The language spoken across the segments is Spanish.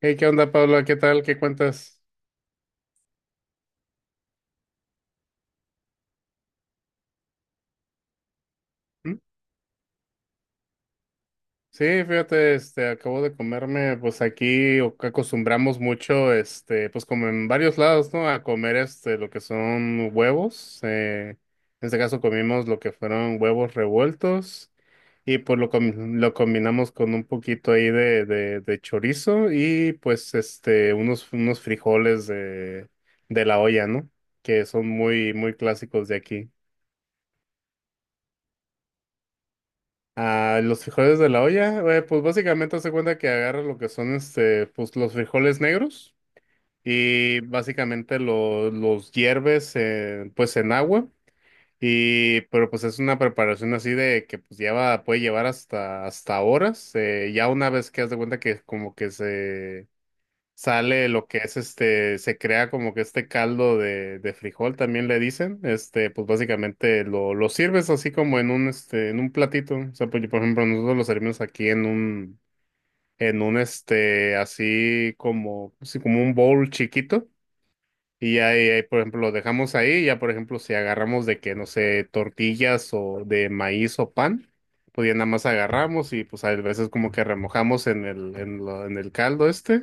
Hey, ¿qué onda, Pablo? ¿Qué tal? ¿Qué cuentas? ¿Mm? Sí, fíjate, acabo de comerme, pues aquí acostumbramos mucho, pues como en varios lados, ¿no? A comer, lo que son huevos. En este caso comimos lo que fueron huevos revueltos y pues lo combinamos con un poquito ahí de chorizo y pues, unos frijoles de la olla, ¿no? Que son muy, muy clásicos de aquí. Ah, los frijoles de la olla, pues básicamente hace cuenta que agarras lo que son pues los frijoles negros y básicamente los hierves, pues en agua. Y pero pues es una preparación así de que pues lleva, puede llevar hasta horas, ya una vez que haz de cuenta que como que se sale lo que es este, se crea como que este caldo de frijol, también le dicen, pues básicamente lo sirves así como en un, en un platito. O sea, pues, por ejemplo, nosotros lo servimos aquí así como un bowl chiquito, y ahí, ahí, por ejemplo, lo dejamos ahí. Ya, por ejemplo, si agarramos de que, no sé, tortillas o de maíz o pan, pues ya nada más agarramos y pues a veces como que remojamos en el, en el caldo este.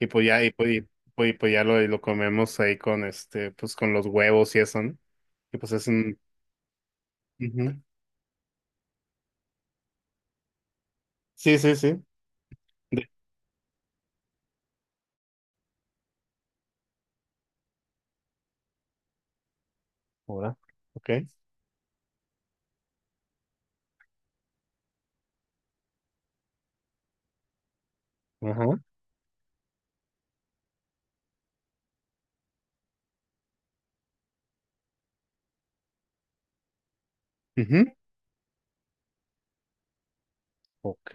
Y pues ya, y pues, y, pues, y pues ya lo, y lo comemos ahí con pues con los huevos y eso, ¿no? Y pues es un... ujú. Sí, sí, sí. De- Ahora. Ok. Ajá. Ujú. Ok.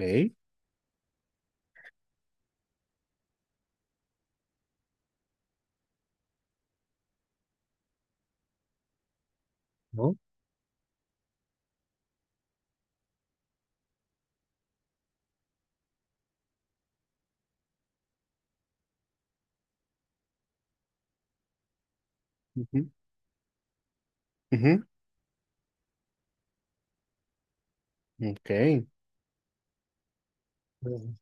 ¿No? Ujú. Ujú. Ok. Ujú.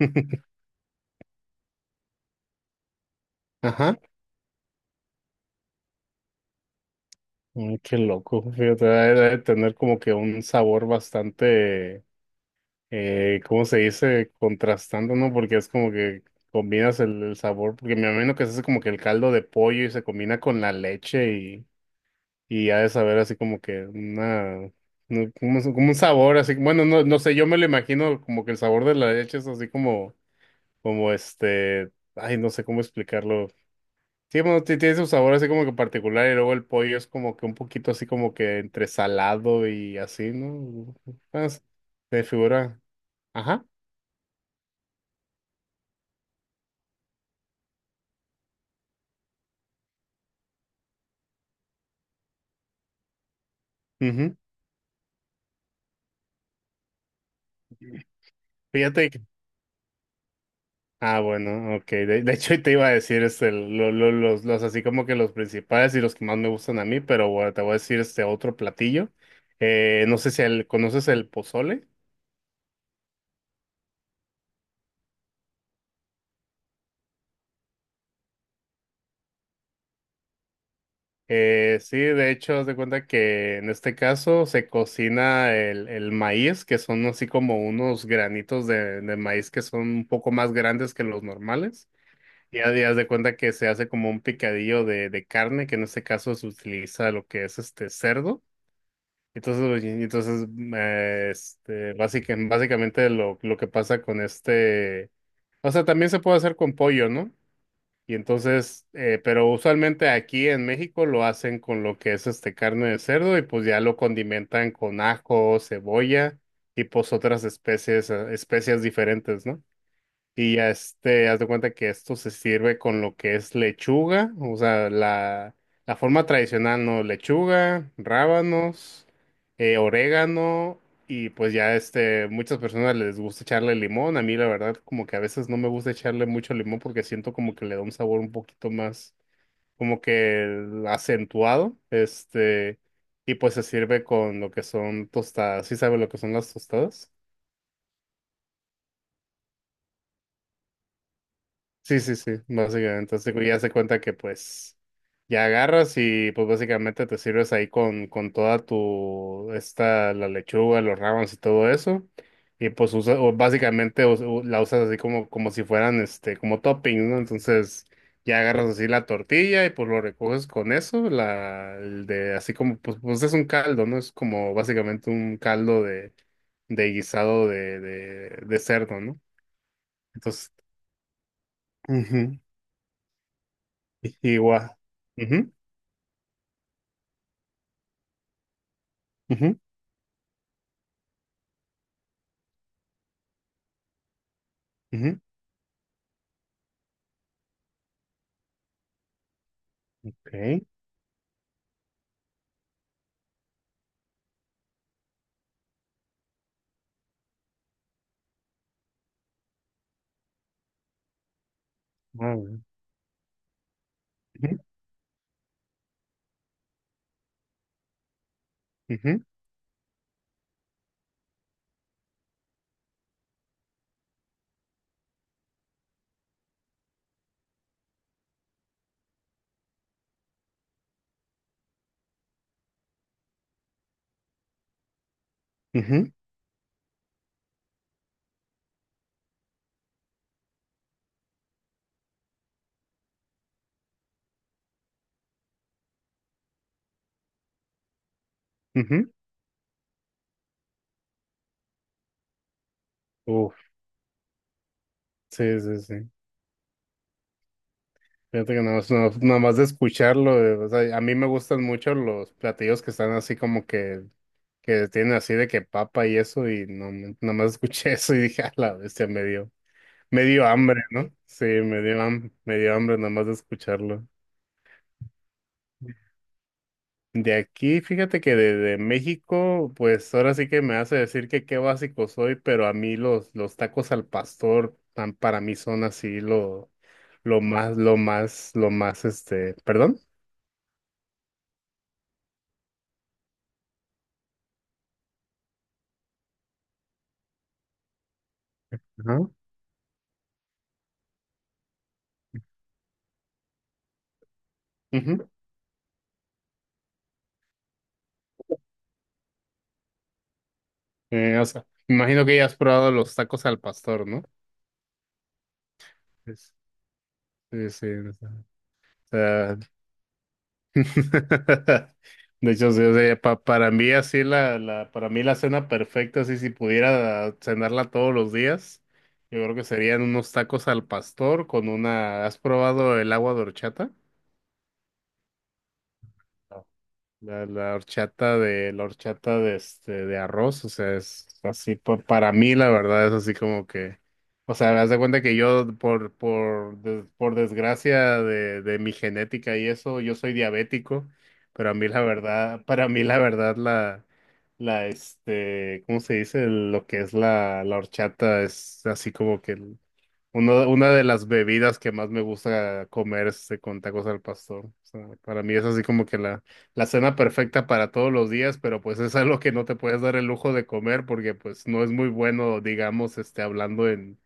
Ajá. Mm, qué loco, fíjate, debe, debe tener como que un sabor bastante, ¿cómo se dice? Contrastando, ¿no? Porque es como que combinas el sabor, porque me imagino que se hace como que el caldo de pollo y se combina con la leche, y ha de saber así como que una, no, como un sabor así, bueno, no, no sé, yo me lo imagino como que el sabor de la leche es así como, como este, ay, no sé cómo explicarlo. Sí, bueno, tiene su sabor así como que particular y luego el pollo es como que un poquito así como que entre salado y así, ¿no? Pues, se figura. Ajá. Ujú. Fíjate que... Ah, bueno, ok. De hecho, te iba a decir los así como que los principales y los que más me gustan a mí, pero bueno, te voy a decir este otro platillo. No sé si conoces el pozole. Sí, de hecho, haz de cuenta que en este caso se cocina el maíz, que son así como unos granitos de maíz que son un poco más grandes que los normales. Y haz de cuenta que se hace como un picadillo de carne, que en este caso se utiliza lo que es este cerdo. Entonces, y entonces, básicamente lo que pasa con este, o sea, también se puede hacer con pollo, ¿no? Y entonces, pero usualmente aquí en México lo hacen con lo que es carne de cerdo y pues ya lo condimentan con ajo, cebolla y pues otras especies, especias diferentes, ¿no? Y ya haz de cuenta que esto se sirve con lo que es lechuga. O sea, la forma tradicional, ¿no? Lechuga, rábanos, orégano, y pues ya muchas personas les gusta echarle limón. A mí la verdad, como que a veces no me gusta echarle mucho limón porque siento como que le da un sabor un poquito más, como que acentuado. Y pues se sirve con lo que son tostadas. ¿Sí sabe lo que son las tostadas? Sí, sí, sí, básicamente. Entonces ya se cuenta que pues ya agarras y pues básicamente te sirves ahí con toda tu, esta, la lechuga, los rábanos y todo eso. Y pues usa, o básicamente la usas así como, como si fueran, como topping, ¿no? Entonces ya agarras así la tortilla y pues lo recoges con eso, la, el de, así como, pues, pues es un caldo, ¿no? Es como básicamente un caldo de, guisado de cerdo, ¿no? Entonces... ujú. Igual. Ujú, ujú, ujú. Ok. Ah, bueno. Ujú, ujú, ujú, ujú. Uf, sí, sí, sí. Fíjate que nada más de escucharlo, o sea, a mí me gustan mucho los platillos que están así como que tienen así de que papa y eso, y no, nada más escuché eso y dije, a la bestia, me dio hambre, ¿no? Sí, me dio hambre nada más de escucharlo. De aquí, fíjate que de México, pues ahora sí que me hace decir que qué básico soy, pero a mí los tacos al pastor, para mí son así lo más, lo más, lo más, perdón. Ajá. Ujú. O sea, imagino que ya has probado los tacos al pastor, ¿no? Pues, sí, sí. O sea, de hecho, sí, o sea, para mí así para mí la cena perfecta, así si pudiera cenarla todos los días, yo creo que serían unos tacos al pastor con una. ¿Has probado el agua de horchata? La horchata de de arroz. O sea, es así, para mí la verdad es así como que, o sea, haz de cuenta que yo por desgracia de mi genética y eso, yo soy diabético, pero a mí la verdad, para mí la verdad ¿cómo se dice? Lo que es la horchata es así como que una de las bebidas que más me gusta comer es este, con tacos al pastor. O sea, para mí es así como que la cena perfecta para todos los días, pero pues es algo que no te puedes dar el lujo de comer porque pues no es muy bueno, digamos, hablando en,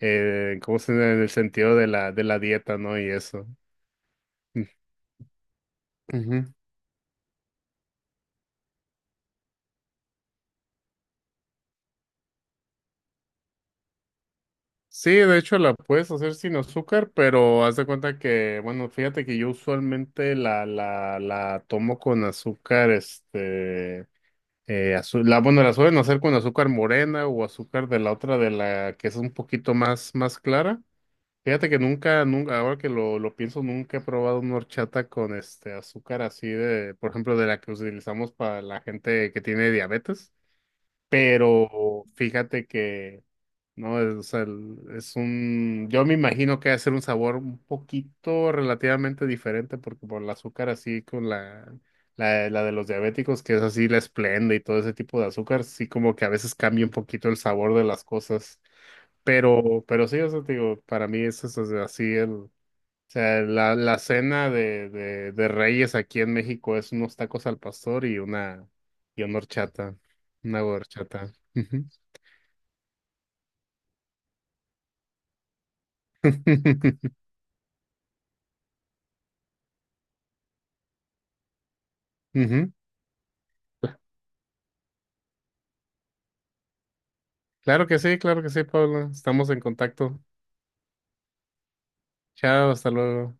¿cómo se dice? En el sentido de la dieta, ¿no? Y eso. Ujú. Sí, de hecho la puedes hacer sin azúcar, pero haz de cuenta que, bueno, fíjate que yo usualmente la tomo con azúcar, bueno, la suelen hacer con azúcar morena o azúcar de la otra, de la que es un poquito más clara. Fíjate que nunca, nunca, ahora que lo pienso, nunca he probado una horchata con este azúcar así de, por ejemplo, de la que utilizamos para la gente que tiene diabetes. Pero fíjate que no, es, o sea, es un, yo me imagino que va a ser un sabor un poquito relativamente diferente porque por el azúcar así con la de los diabéticos, que es así la esplenda y todo ese tipo de azúcar, sí como que a veces cambia un poquito el sabor de las cosas, pero sí, o sea, te digo, para mí eso es así el, o sea, la cena de Reyes aquí en México es unos tacos al pastor y una horchata, una horchata. Ujú. Claro que sí, Pablo. Estamos en contacto. Chao, hasta luego.